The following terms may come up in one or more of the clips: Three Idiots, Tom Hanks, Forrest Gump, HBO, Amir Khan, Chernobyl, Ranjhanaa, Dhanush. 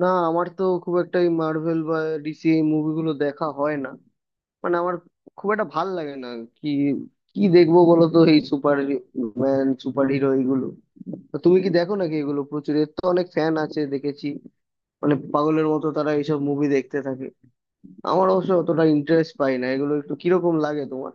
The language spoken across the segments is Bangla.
না আমার তো খুব একটা এই মার্ভেল বা ডিসি এই মুভিগুলো দেখা হয় না। মানে আমার খুব একটা ভাল লাগে না। কি কি দেখবো বলো তো, এই সুপার ম্যান, সুপার হিরো এইগুলো? তো তুমি কি দেখো নাকি এগুলো? প্রচুর, এর তো অনেক ফ্যান আছে দেখেছি, মানে পাগলের মতো তারা এইসব মুভি দেখতে থাকে। আমার অবশ্য অতটা ইন্টারেস্ট পাই না এগুলো, একটু কিরকম লাগে তোমার?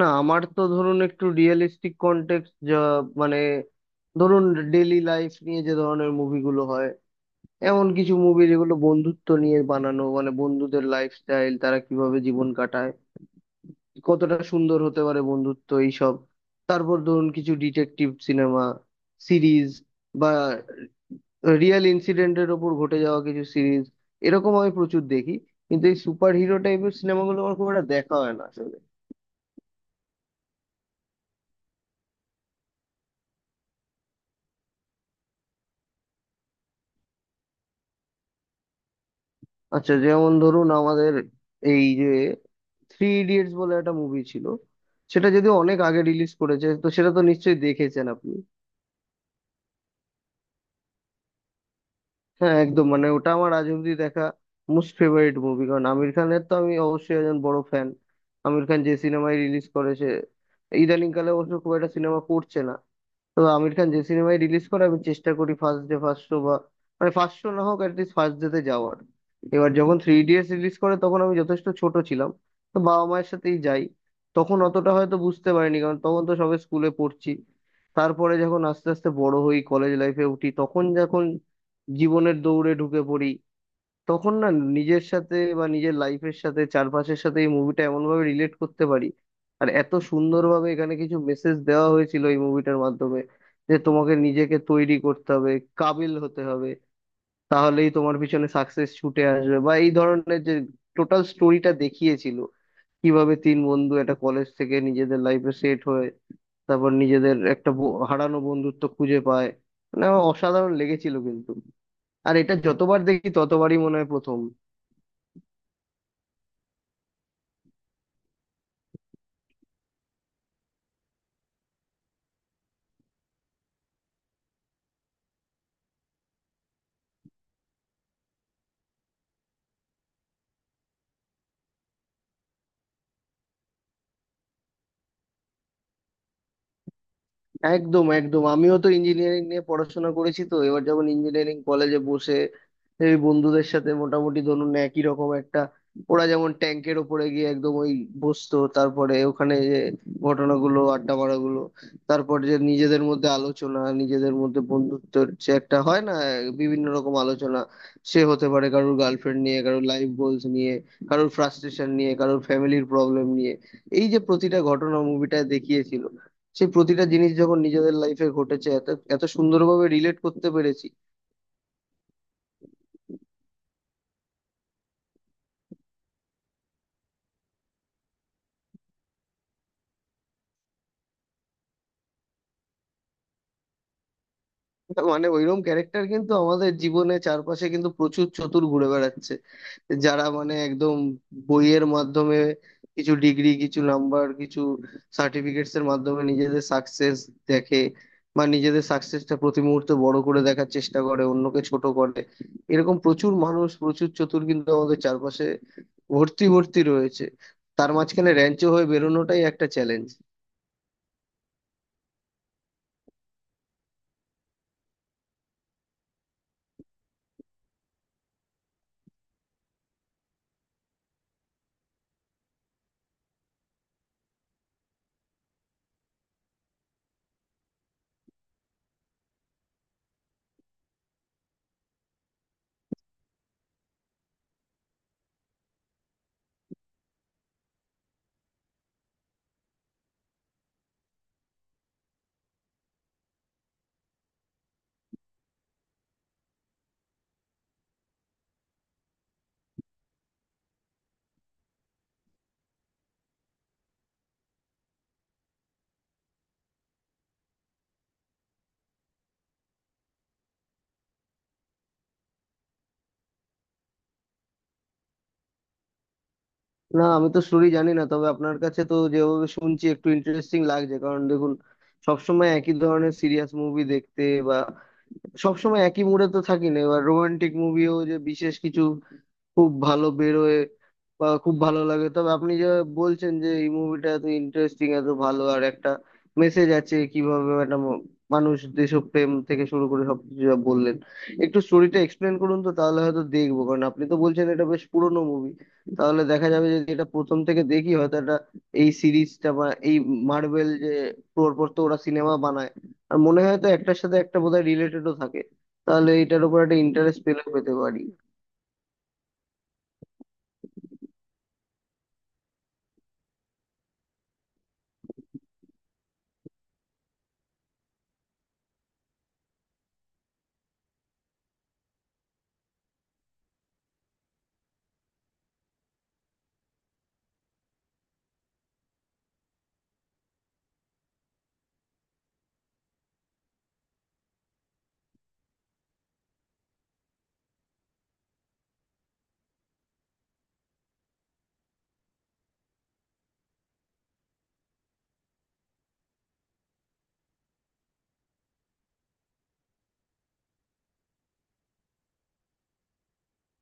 না আমার তো ধরুন একটু রিয়েলিস্টিক কন্টেক্সট যা, মানে ধরুন ডেইলি লাইফ নিয়ে যে ধরনের মুভিগুলো হয়, এমন কিছু মুভি যেগুলো বন্ধুত্ব নিয়ে বানানো, মানে বন্ধুদের লাইফস্টাইল, তারা কিভাবে জীবন কাটায়, কতটা সুন্দর হতে পারে বন্ধুত্ব, এইসব। তারপর ধরুন কিছু ডিটেকটিভ সিনেমা, সিরিজ, বা রিয়েল ইনসিডেন্টের ওপর ঘটে যাওয়া কিছু সিরিজ, এরকম আমি প্রচুর দেখি। কিন্তু এই সুপার হিরো টাইপের সিনেমাগুলো আমার খুব একটা দেখা হয় না আসলে। আচ্ছা যেমন ধরুন আমাদের এই যে থ্রি ইডিয়টস বলে একটা মুভি ছিল, সেটা যদি অনেক আগে রিলিজ করেছে তো সেটা তো নিশ্চয়ই দেখেছেন আপনি। হ্যাঁ একদম, মানে ওটা আমার আজ অব্দি দেখা মোস্ট ফেভারিট মুভি, কারণ আমির খানের তো আমি অবশ্যই একজন বড় ফ্যান। আমির খান যে সিনেমায় রিলিজ করেছে, ইদানিং কালে অবশ্য খুব একটা সিনেমা করছে না, তো আমির খান যে সিনেমায় রিলিজ করে আমি চেষ্টা করি ফার্স্ট ডে ফার্স্ট শো, বা মানে ফার্স্ট শো না হোক অ্যাটলিস্ট ফার্স্ট ডে তে যাওয়ার। এবার যখন থ্রি ইডিয়টস রিলিজ করে তখন আমি যথেষ্ট ছোট ছিলাম, তো বাবা মায়ের সাথেই যাই। তখন অতটা হয়তো বুঝতে পারিনি, কারণ তখন তো সবে স্কুলে পড়ছি। তারপরে যখন আস্তে আস্তে বড় হই, কলেজ লাইফে উঠি, তখন যখন জীবনের দৌড়ে ঢুকে পড়ি, তখন না নিজের সাথে বা নিজের লাইফের সাথে চারপাশের সাথে এই মুভিটা এমনভাবে রিলেট করতে পারি। আর এত সুন্দরভাবে এখানে কিছু মেসেজ দেওয়া হয়েছিল এই মুভিটার মাধ্যমে, যে তোমাকে নিজেকে তৈরি করতে হবে, কাবিল হতে হবে, তাহলেই তোমার পিছনে সাকসেস ছুটে আসবে, বা এই ধরনের যে টোটাল স্টোরিটা দেখিয়েছিল, কিভাবে তিন বন্ধু একটা কলেজ থেকে নিজেদের লাইফে সেট হয়ে তারপর নিজেদের একটা হারানো বন্ধুত্ব খুঁজে পায়। মানে আমার অসাধারণ লেগেছিল কিন্তু, আর এটা যতবার দেখি ততবারই মনে হয় প্রথম। একদম একদম, আমিও তো ইঞ্জিনিয়ারিং নিয়ে পড়াশোনা করেছি, তো এবার যখন ইঞ্জিনিয়ারিং কলেজে বসে এই বন্ধুদের সাথে মোটামুটি ধরুন একই রকম একটা, ওরা যেমন ট্যাঙ্কের ওপরে গিয়ে একদম ওই বসতো, তারপরে ওখানে যে ঘটনাগুলো, আড্ডা মারাগুলো, তারপর যে নিজেদের মধ্যে আলোচনা, নিজেদের মধ্যে বন্ধুত্বের যে একটা হয় না বিভিন্ন রকম আলোচনা, সে হতে পারে কারোর গার্লফ্রেন্ড নিয়ে, কারোর লাইফ গোলস নিয়ে, কারোর ফ্রাস্ট্রেশন নিয়ে, কারোর ফ্যামিলির প্রবলেম নিয়ে। এই যে প্রতিটা ঘটনা মুভিটায় দেখিয়েছিল, সেই প্রতিটা জিনিস যখন নিজেদের লাইফে ঘটেছে, এত এত সুন্দরভাবে রিলেট করতে পেরেছি। মানে ওইরকম ক্যারেক্টার কিন্তু আমাদের জীবনে, চারপাশে কিন্তু প্রচুর চতুর ঘুরে বেড়াচ্ছে, যারা মানে একদম বইয়ের মাধ্যমে, কিছু ডিগ্রি, কিছু নাম্বার, কিছু সার্টিফিকেটস এর মাধ্যমে নিজেদের সাকসেস দেখে, বা নিজেদের সাকসেসটা প্রতি মুহূর্তে বড় করে দেখার চেষ্টা করে অন্যকে ছোট করে। এরকম প্রচুর মানুষ, প্রচুর চতুর কিন্তু আমাদের চারপাশে ভর্তি ভর্তি রয়েছে। তার মাঝখানে র্যাঞ্চো হয়ে বেরোনোটাই একটা চ্যালেঞ্জ। না আমি তো স্টোরি জানি না, তবে আপনার কাছে তো যেভাবে শুনছি একটু ইন্টারেস্টিং লাগছে। কারণ দেখুন, সবসময় একই ধরনের সিরিয়াস মুভি দেখতে বা সবসময় একই মুডে তো থাকি না। এবার রোমান্টিক মুভিও যে বিশেষ কিছু খুব ভালো বেরোয় বা খুব ভালো লাগে, তবে আপনি যে বলছেন যে এই মুভিটা এত ইন্টারেস্টিং, এত ভালো, আর একটা মেসেজ আছে, কিভাবে একটা মানুষ দেশপ্রেম থেকে শুরু করে সবকিছু যা বললেন, একটু স্টোরিটা এক্সপ্লেন করুন তো, তাহলে হয়তো দেখবো। কারণ আপনি তো বলছেন এটা বেশ পুরোনো মুভি, তাহলে দেখা যাবে যে এটা প্রথম থেকে দেখি। হয়তো এটা, এই সিরিজটা বা এই মার্বেল যে পরপর তো ওরা সিনেমা বানায়, আর মনে হয় তো একটার সাথে একটা বোধহয় রিলেটেডও থাকে, তাহলে এটার উপর একটা ইন্টারেস্ট পেলে পেতে পারি।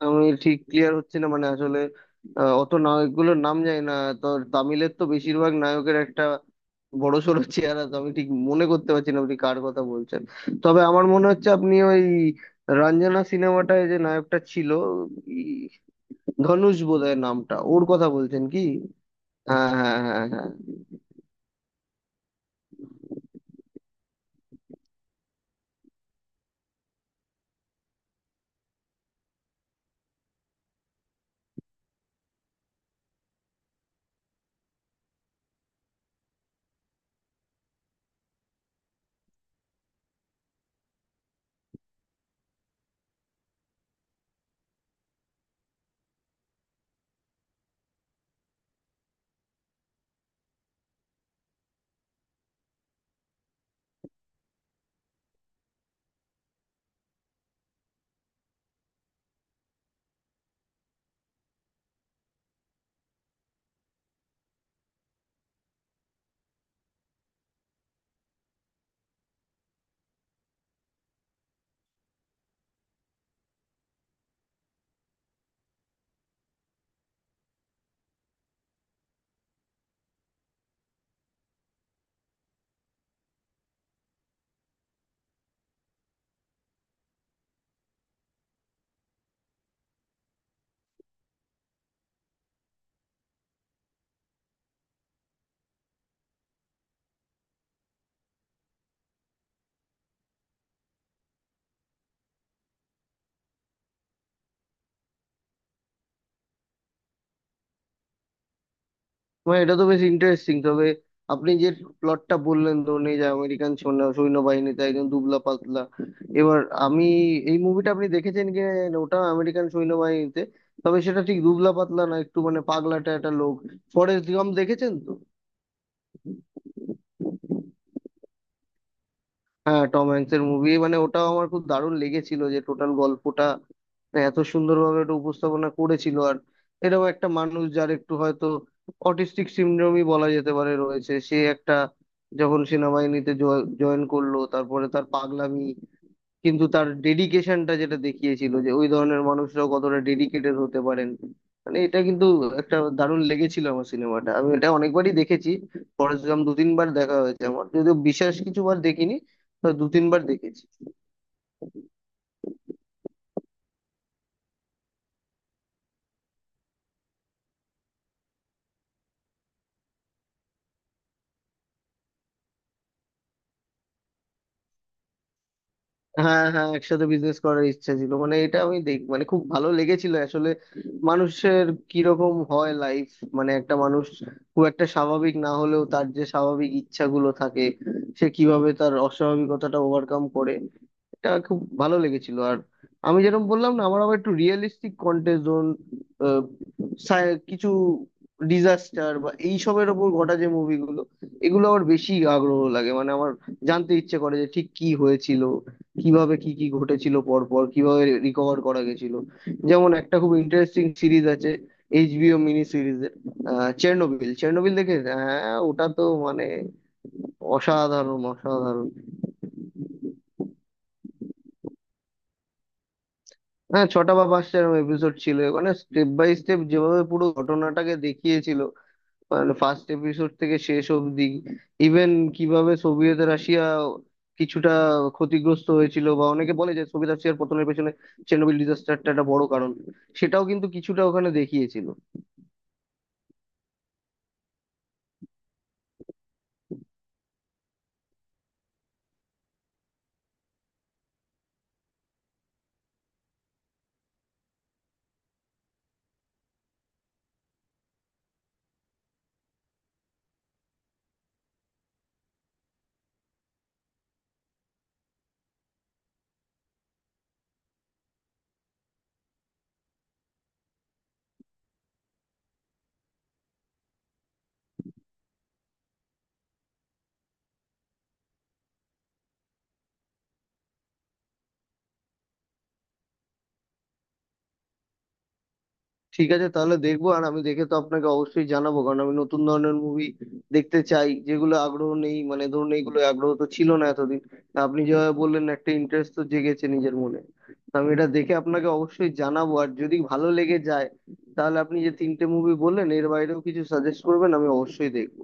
আমি ঠিক ক্লিয়ার হচ্ছে না, মানে আসলে অত নায়কগুলোর নাম জানি না, তো তামিলের তো বেশিরভাগ নায়কের একটা বড় সড়ো চেহারা, তো আমি ঠিক মনে করতে পারছি না আপনি কার কথা বলছেন। তবে আমার মনে হচ্ছে আপনি ওই রঞ্জনা সিনেমাটায় যে নায়কটা ছিল, ই- ধনুষ বোধহয় নামটা, ওর কথা বলছেন কি? হ্যাঁ হ্যাঁ হ্যাঁ হ্যাঁ। মানে এটা তো বেশ ইন্টারেস্টিং, তবে আপনি যে প্লটটা বললেন ধরুন এই যে আমেরিকান সৈন্যবাহিনীতে একজন দুবলা পাতলা, এবার আমি, এই মুভিটা আপনি দেখেছেন কি? ওটা আমেরিকান সৈন্যবাহিনীতে, তবে সেটা ঠিক দুবলা পাতলা না, একটু মানে পাগলাটে একটা লোক। ফরেস্ট গাম দেখেছেন? তো হ্যাঁ, টম হ্যাঙ্কস এর মুভি, মানে ওটাও আমার খুব দারুণ লেগেছিল, যে টোটাল গল্পটা মানে এত সুন্দরভাবে ওটা উপস্থাপনা করেছিল। আর এরকম একটা মানুষ যার একটু হয়তো অটিস্টিক সিনড্রোমই বলা যেতে পারে রয়েছে, সে একটা যখন সেনাবাহিনীতে জয়েন করলো, তারপরে তার পাগলামি কিন্তু তার ডেডিকেশনটা যেটা দেখিয়েছিল, যে ওই ধরনের মানুষরাও কতটা ডেডিকেটেড হতে পারেন, মানে এটা কিন্তু একটা দারুণ লেগেছিল আমার সিনেমাটা, আমি এটা অনেকবারই দেখেছি। ফরেস্ট গাম দু তিনবার দেখা হয়েছে আমার, যদিও বিশেষ কিছু বার দেখিনি, তো দু তিনবার দেখেছি। হ্যাঁ হ্যাঁ, একসাথে বিজনেস করার ইচ্ছা ছিল, মানে এটা আমি দেখ মানে খুব ভালো লেগেছিল আসলে। মানুষের কিরকম হয় লাইফ, মানে একটা মানুষ খুব একটা স্বাভাবিক না হলেও তার যে স্বাভাবিক ইচ্ছাগুলো থাকে, সে কিভাবে তার অস্বাভাবিকতাটা ওভারকাম করে, এটা খুব ভালো লেগেছিল। আর আমি যেরকম বললাম না, আমার আবার একটু রিয়েলিস্টিক কন্টেজন, কিছু ডিজাস্টার বা এইসবের ওপর ঘটা যে মুভিগুলো, এগুলো আমার বেশি আগ্রহ লাগে। মানে আমার জানতে ইচ্ছে করে যে ঠিক কি হয়েছিল, কিভাবে কি কি ঘটেছিল, পর পর কিভাবে রিকভার করা গেছিল। যেমন একটা খুব ইন্টারেস্টিং সিরিজ আছে, এইচবিও মিনি সিরিজের চেরনোবিল। চেরনোবিল দেখে? হ্যাঁ, ওটা তো মানে অসাধারণ অসাধারণ। হ্যাঁ ছটা বা পাঁচটা এরকম এপিসোড ছিল, ওখানে স্টেপ বাই স্টেপ যেভাবে পুরো ঘটনাটাকে দেখিয়েছিল, মানে ফার্স্ট এপিসোড থেকে শেষ অবধি। ইভেন কিভাবে সোভিয়েত রাশিয়া কিছুটা ক্ষতিগ্রস্ত হয়েছিল, বা অনেকে বলে যে সোভিয়েত রাশিয়ার পতনের পেছনে চেরনোবিল ডিজাস্টারটা একটা বড় কারণ, সেটাও কিন্তু কিছুটা ওখানে দেখিয়েছিল। ঠিক আছে তাহলে দেখবো, আর আমি দেখে তো আপনাকে অবশ্যই জানাবো, কারণ আমি নতুন ধরনের মুভি দেখতে চাই, যেগুলো আগ্রহ নেই মানে ধরুন, এইগুলো আগ্রহ তো ছিল না এতদিন। আপনি যেভাবে বললেন, একটা ইন্টারেস্ট তো জেগেছে নিজের মনে, তো আমি এটা দেখে আপনাকে অবশ্যই জানাবো। আর যদি ভালো লেগে যায় তাহলে আপনি যে তিনটে মুভি বললেন এর বাইরেও কিছু সাজেস্ট করবেন, আমি অবশ্যই দেখবো।